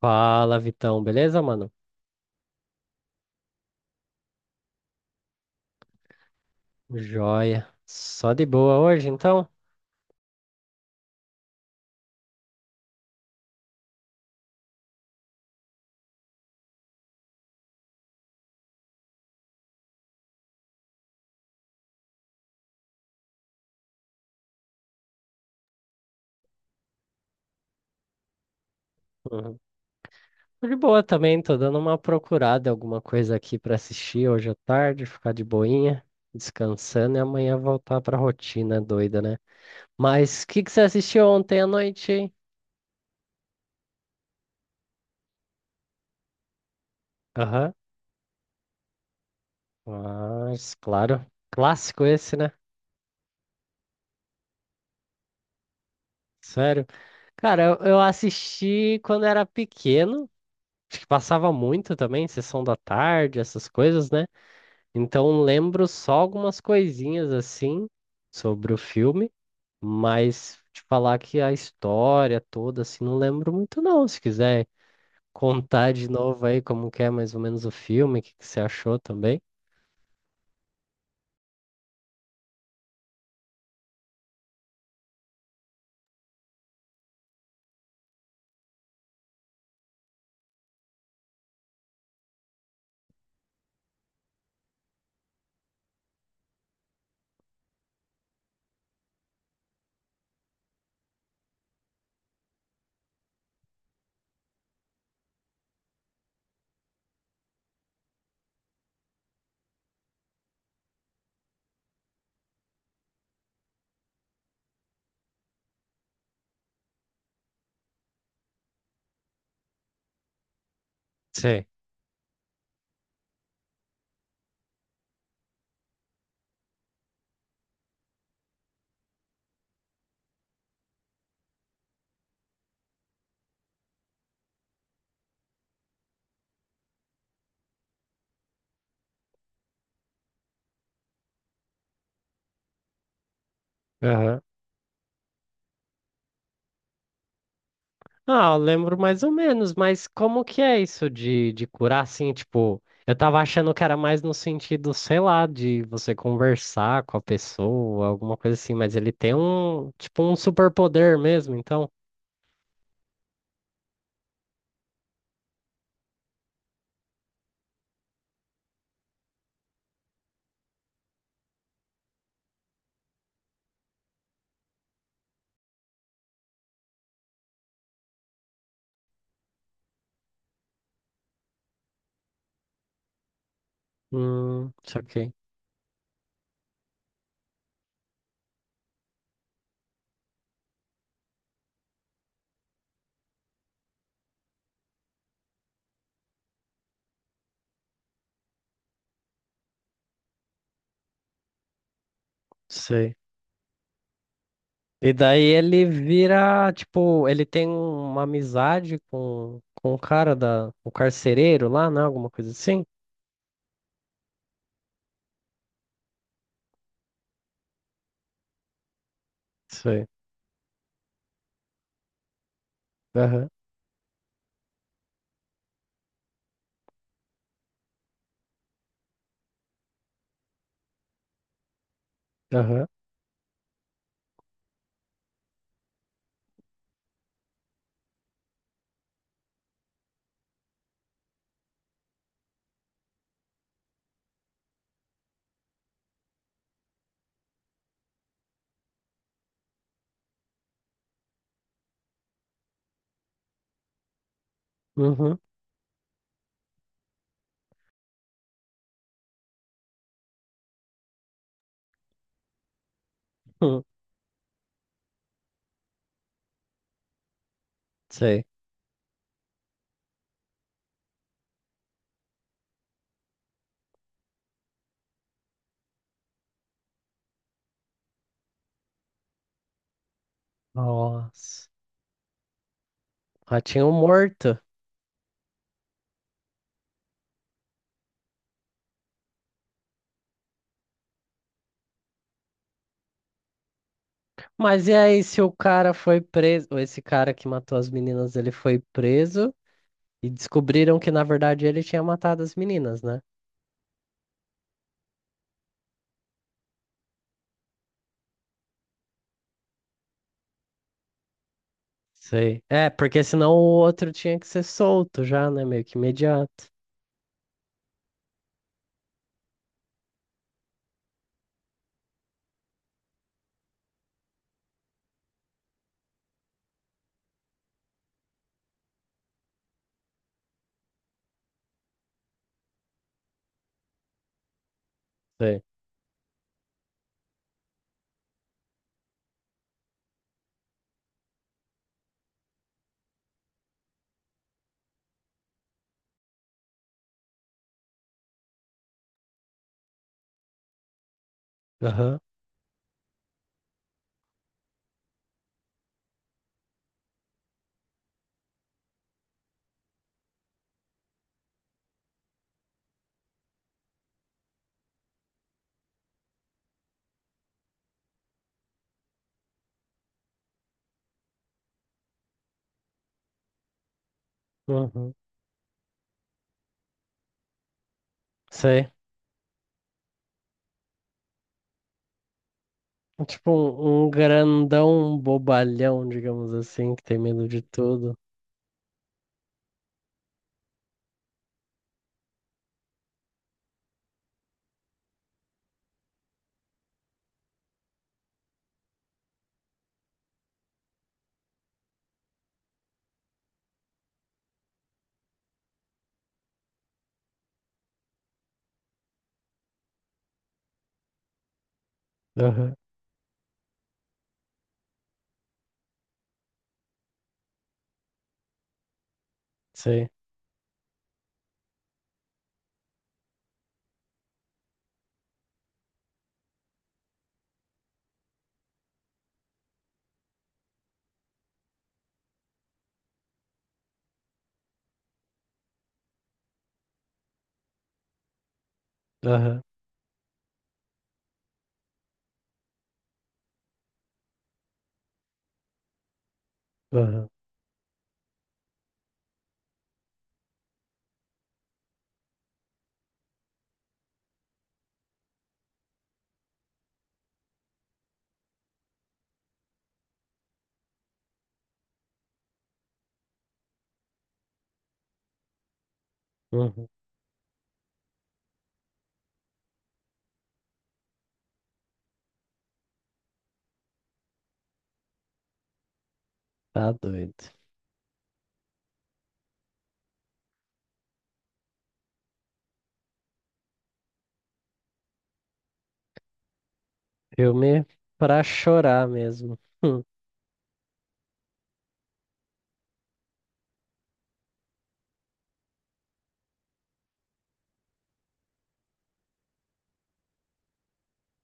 Fala, Vitão, beleza, mano? Joia. Só de boa hoje, então? Uhum. Tô de boa também, tô dando uma procurada, alguma coisa aqui pra assistir hoje à tarde, ficar de boinha, descansando e amanhã voltar pra rotina doida, né? Mas o que que você assistiu ontem à noite, hein? Aham. Mas, claro. Clássico esse, né? Sério. Cara, eu assisti quando era pequeno, acho que passava muito também, sessão da tarde, essas coisas, né? Então lembro só algumas coisinhas assim sobre o filme, mas te falar que a história toda assim não lembro muito não. Se quiser contar de novo aí como que é mais ou menos o filme, o que que você achou também? Sei. Aham. Ah, eu lembro mais ou menos, mas como que é isso de curar assim, tipo, eu tava achando que era mais no sentido, sei lá, de você conversar com a pessoa, alguma coisa assim, mas ele tem um, tipo, um superpoder mesmo, então. Saquei. Sei. E daí ele vira, tipo, ele tem uma amizade com o cara da, o carcereiro lá, né? Alguma coisa assim? Sei. Aham, aham, uhum, hum. Sei. Nossa. Ratinho morto. Mas e aí, se o cara foi preso, ou esse cara que matou as meninas, ele foi preso e descobriram que, na verdade, ele tinha matado as meninas, né? Sei. É, porque senão o outro tinha que ser solto já, né? Meio que imediato. Aham, uhum. Sei. É tipo um, um grandão bobalhão, digamos assim, que tem medo de tudo. Aham, sei. Aham, aham, uhum. Tá doido. Filme pra chorar mesmo.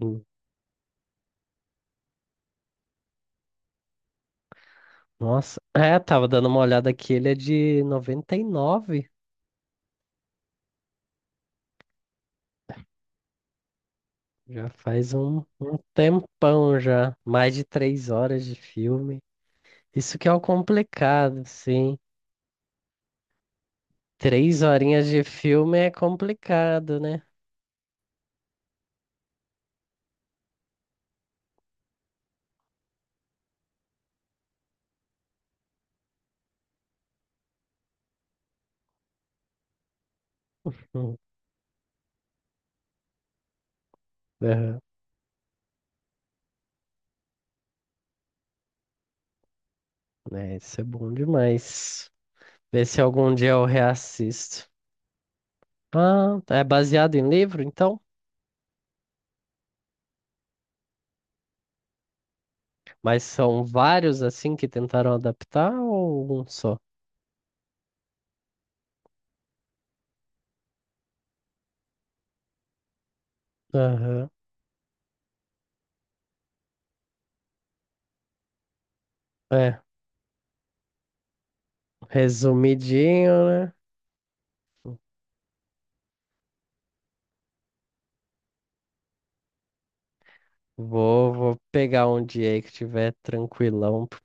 hum. Nossa. É, tava dando uma olhada aqui, ele é de 99. Já faz um, um tempão já. Mais de 3 horas de filme. Isso que é o complicado, sim. 3 horinhas de filme é complicado, né? Hum. Aham. É, isso é bom demais. Vê se algum dia eu reassisto. Ah, tá. É baseado em livro, então? Mas são vários assim que tentaram adaptar ou um só? Aham. É, resumidinho, né? Vou pegar um dia aí que tiver tranquilão p-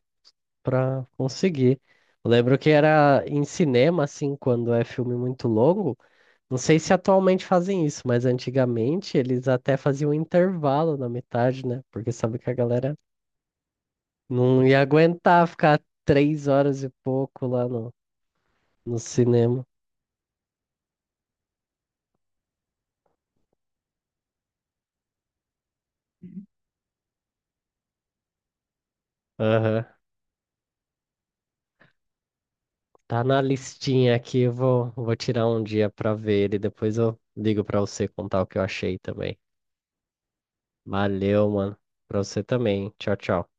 pra conseguir. Eu lembro que era em cinema, assim, quando é filme muito longo. Não sei se atualmente fazem isso, mas antigamente eles até faziam intervalo na metade, né? Porque sabe que a galera não ia aguentar ficar 3 horas e pouco lá no, no cinema. Aham. Tá na listinha aqui, eu vou tirar um dia pra ver ele. Depois eu ligo pra você contar o que eu achei também. Valeu, mano. Pra você também. Tchau, tchau.